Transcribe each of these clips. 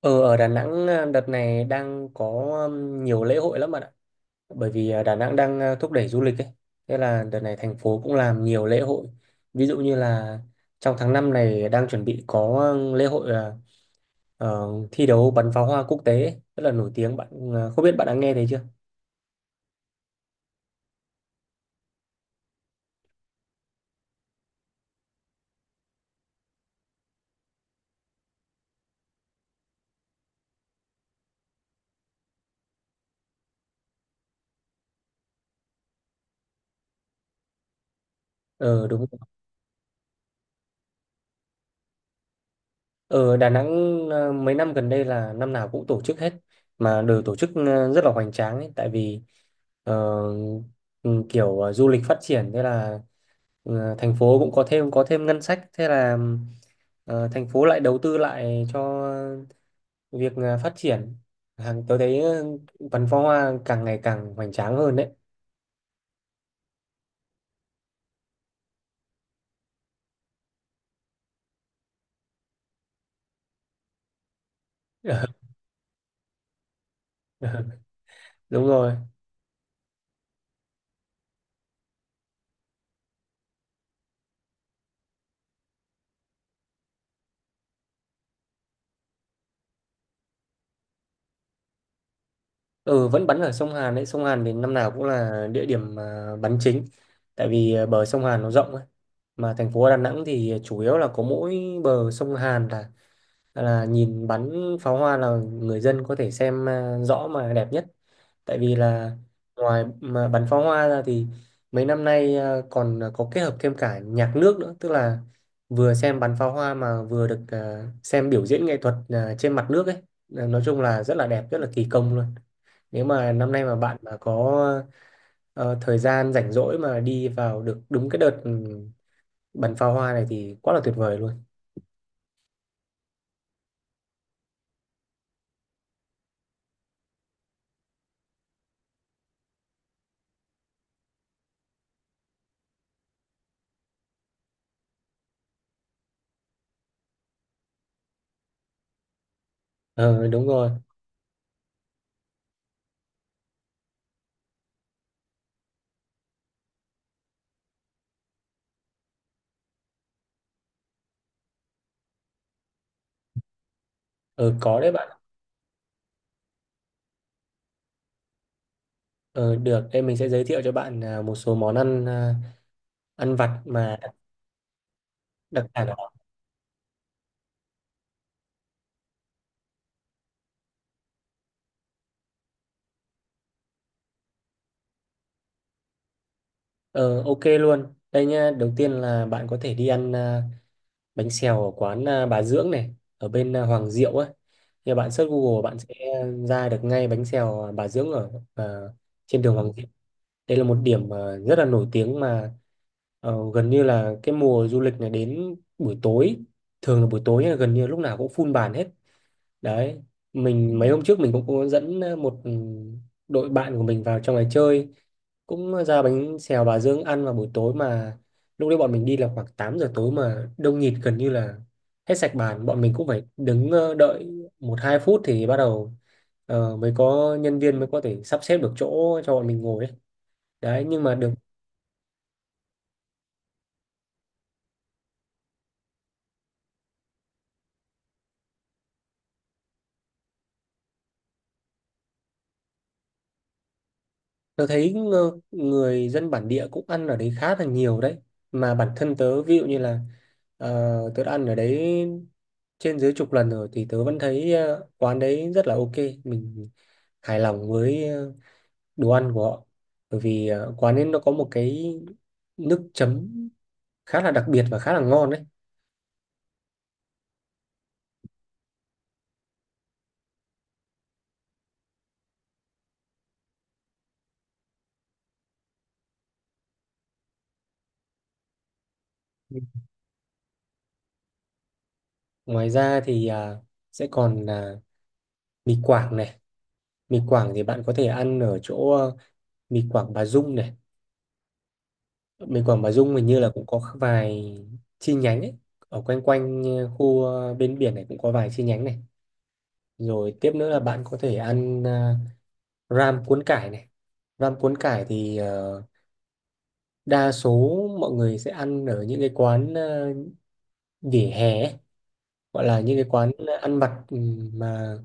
Ờ, ở Đà Nẵng, đợt này đang có nhiều lễ hội lắm bạn ạ. Bởi vì Đà Nẵng đang thúc đẩy du lịch ấy. Thế là đợt này thành phố cũng làm nhiều lễ hội. Ví dụ như là trong tháng 5 này đang chuẩn bị có lễ hội thi đấu bắn pháo hoa quốc tế ấy, rất là nổi tiếng. Bạn à, không biết bạn đã nghe thấy chưa? Ờ, đúng rồi. Ở Đà Nẵng mấy năm gần đây là năm nào cũng tổ chức hết, mà đều tổ chức rất là hoành tráng ấy. Tại vì ờ, ừ, kiểu du lịch phát triển, thế là thành phố cũng có thêm ngân sách, thế là thành phố lại đầu tư lại cho việc phát triển hàng. Tôi thấy Văn Phó Hoa càng ngày càng hoành tráng hơn đấy. Đúng rồi. Ừ, vẫn bắn ở sông Hàn đấy. Sông Hàn thì năm nào cũng là địa điểm bắn chính. Tại vì bờ sông Hàn nó rộng ấy. Mà thành phố Đà Nẵng thì chủ yếu là có mỗi bờ sông Hàn là nhìn bắn pháo hoa là người dân có thể xem rõ mà đẹp nhất. Tại vì là ngoài mà bắn pháo hoa ra thì mấy năm nay còn có kết hợp thêm cả nhạc nước nữa. Tức là vừa xem bắn pháo hoa mà vừa được xem biểu diễn nghệ thuật trên mặt nước ấy. Nói chung là rất là đẹp, rất là kỳ công luôn. Nếu mà năm nay mà bạn mà có thời gian rảnh rỗi mà đi vào được đúng cái đợt bắn pháo hoa này thì quá là tuyệt vời luôn. Ờ, đúng rồi. Ờ, có đấy bạn. Ờ, được, mình sẽ giới thiệu cho bạn một số món ăn ăn vặt mà đặc đặc sản ở đó. Ờ, ok luôn. Đây nhá, đầu tiên là bạn có thể đi ăn bánh xèo ở quán Bà Dưỡng này, ở bên Hoàng Diệu ấy. Thì bạn search Google bạn sẽ ra được ngay bánh xèo Bà Dưỡng ở trên đường Hoàng Diệu. Đây là một điểm rất là nổi tiếng mà gần như là cái mùa du lịch này, đến buổi tối, thường là buổi tối là gần như lúc nào cũng full bàn hết đấy. Mình mấy hôm trước mình cũng có dẫn một đội bạn của mình vào trong này chơi, cũng ra bánh xèo Bà Dương ăn vào buổi tối. Mà lúc đấy bọn mình đi là khoảng 8 giờ tối mà đông nghịt, gần như là hết sạch bàn. Bọn mình cũng phải đứng đợi một hai phút thì bắt đầu mới có nhân viên, mới có thể sắp xếp được chỗ cho bọn mình ngồi ấy. Đấy, nhưng mà được. Tớ thấy người dân bản địa cũng ăn ở đấy khá là nhiều đấy. Mà bản thân tớ, ví dụ như là tớ đã ăn ở đấy trên dưới chục lần rồi thì tớ vẫn thấy quán đấy rất là ok. Mình hài lòng với đồ ăn của họ. Bởi vì quán ấy nó có một cái nước chấm khá là đặc biệt và khá là ngon đấy. Ngoài ra thì sẽ còn là mì Quảng này. Mì Quảng thì bạn có thể ăn ở chỗ mì Quảng Bà Dung này. Mình Quảng Bà Dung hình như là cũng có vài chi nhánh ấy. Ở quanh quanh khu bên biển này cũng có vài chi nhánh này. Rồi tiếp nữa là bạn có thể ăn ram cuốn cải này. Ram cuốn cải thì đa số mọi người sẽ ăn ở những cái quán vỉa hè ấy, gọi là những cái quán ăn vặt mà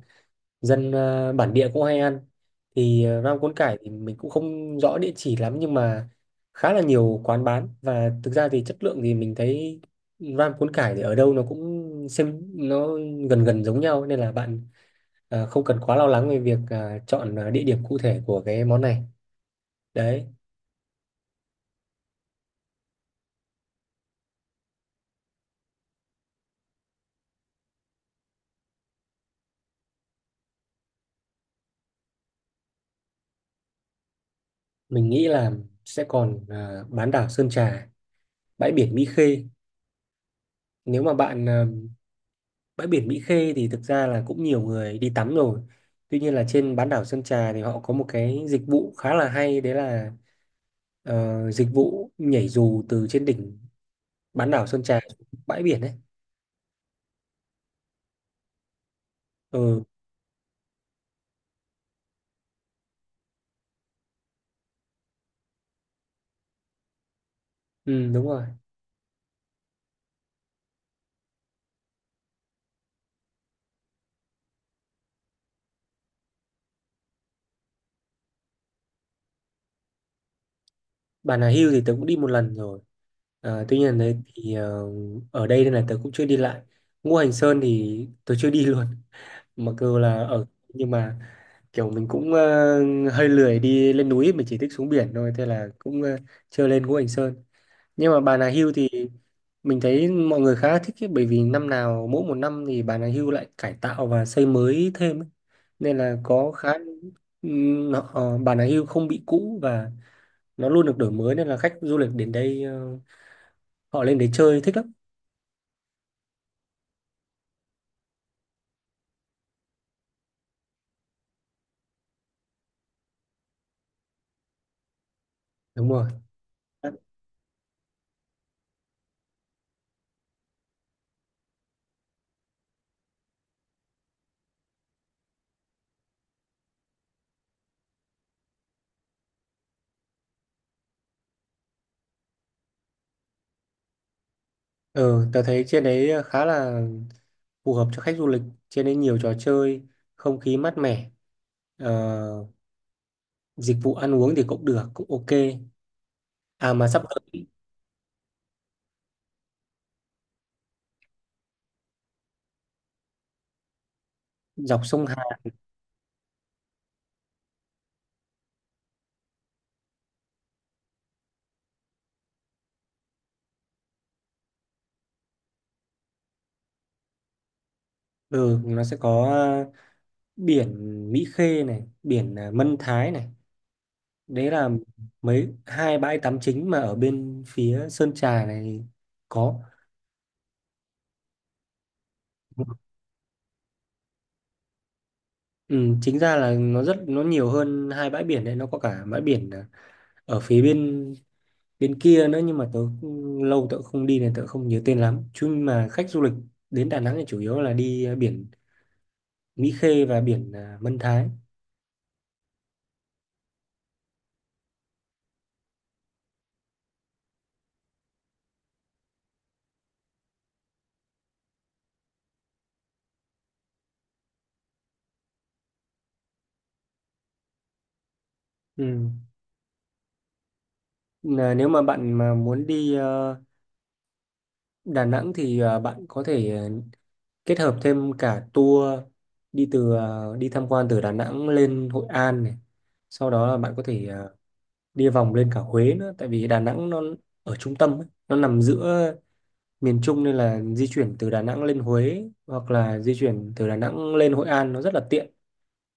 dân bản địa cũng hay ăn. Thì ram cuốn cải thì mình cũng không rõ địa chỉ lắm, nhưng mà khá là nhiều quán bán, và thực ra thì chất lượng thì mình thấy ram cuốn cải thì ở đâu nó cũng xem nó gần gần giống nhau, nên là bạn không cần quá lo lắng về việc chọn địa điểm cụ thể của cái món này đấy. Mình nghĩ là sẽ còn bán đảo Sơn Trà, bãi biển Mỹ Khê. Nếu mà bạn bãi biển Mỹ Khê thì thực ra là cũng nhiều người đi tắm rồi. Tuy nhiên là trên bán đảo Sơn Trà thì họ có một cái dịch vụ khá là hay đấy, là dịch vụ nhảy dù từ trên đỉnh bán đảo Sơn Trà xuống bãi biển ấy. Ừ, ừ, đúng rồi. Bà Nà Hills thì tớ cũng đi một lần rồi. Ờ, tuy nhiên là đấy thì ở đây nên là tớ cũng chưa đi lại. Ngũ Hành Sơn thì tớ chưa đi luôn. Mặc dù là ở, nhưng mà kiểu mình cũng hơi lười đi lên núi, mình chỉ thích xuống biển thôi, thế là cũng chưa lên Ngũ Hành Sơn. Nhưng mà bà nào hưu thì mình thấy mọi người khá là thích ấy, bởi vì năm nào, mỗi một năm thì bà nào hưu lại cải tạo và xây mới thêm ấy. Nên là có khá bà nào hưu không bị cũ, và nó luôn được đổi mới, nên là khách du lịch đến đây họ lên đấy chơi thích lắm. Đúng rồi. Ừ, tớ thấy trên đấy khá là phù hợp cho khách du lịch, trên đấy nhiều trò chơi, không khí mát mẻ, ờ, dịch vụ ăn uống thì cũng được, cũng ok. À mà sắp tới dọc sông Hàn. Ừ, nó sẽ có biển Mỹ Khê này, biển Mân Thái này, đấy là hai bãi tắm chính mà ở bên phía Sơn Trà này có. Ừ, chính ra là nó rất nhiều hơn hai bãi biển đấy, nó có cả bãi biển ở phía bên bên kia nữa, nhưng mà tớ lâu tớ không đi nên tớ không nhớ tên lắm. Chứ mà khách du lịch đến Đà Nẵng thì chủ yếu là đi biển Mỹ Khê và biển Mân Thái. Ừ. Là nếu mà bạn mà muốn đi Đà Nẵng thì bạn có thể kết hợp thêm cả tour đi tham quan từ Đà Nẵng lên Hội An này. Sau đó là bạn có thể đi vòng lên cả Huế nữa, tại vì Đà Nẵng nó ở trung tâm ấy, nó nằm giữa miền Trung, nên là di chuyển từ Đà Nẵng lên Huế hoặc là di chuyển từ Đà Nẵng lên Hội An nó rất là tiện.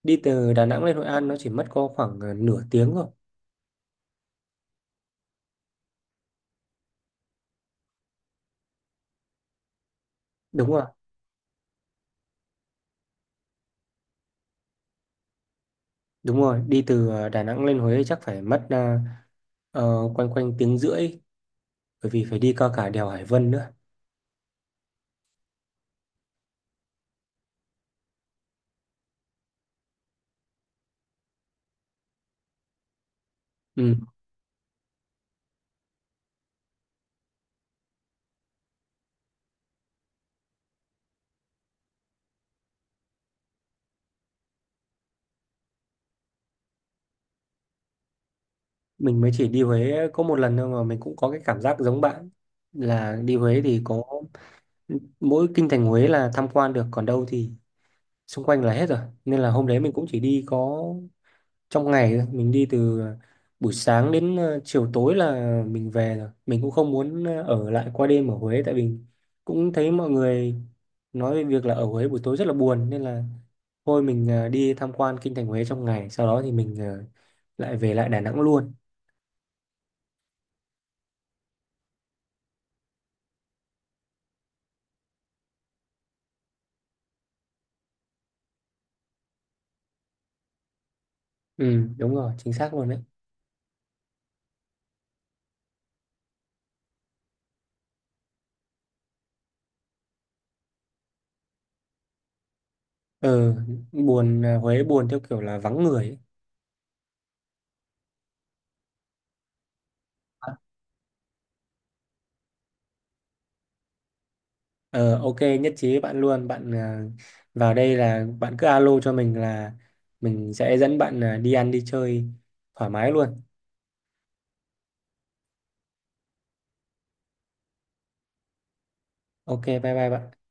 Đi từ Đà Nẵng lên Hội An nó chỉ mất có khoảng nửa tiếng thôi. Đúng rồi, đúng rồi, đi từ Đà Nẵng lên Huế chắc phải mất ờ, quanh quanh tiếng rưỡi, bởi vì phải đi qua cả đèo Hải Vân nữa. Ừ, mình mới chỉ đi Huế có một lần thôi, mà mình cũng có cái cảm giác giống bạn là đi Huế thì có mỗi kinh thành Huế là tham quan được, còn đâu thì xung quanh là hết rồi. Nên là hôm đấy mình cũng chỉ đi có trong ngày thôi. Mình đi từ buổi sáng đến chiều tối là mình về rồi, mình cũng không muốn ở lại qua đêm ở Huế, tại vì cũng thấy mọi người nói về việc là ở Huế buổi tối rất là buồn, nên là thôi mình đi tham quan kinh thành Huế trong ngày, sau đó thì mình lại về lại Đà Nẵng luôn. Ừ, đúng rồi, chính xác luôn đấy. ờ Huế buồn theo kiểu là vắng người ấy. Ờ, ok, nhất trí với bạn luôn. Bạn à, vào đây là bạn cứ alo cho mình, là mình sẽ dẫn bạn đi ăn đi chơi thoải mái luôn. Ok, bye bye bạn.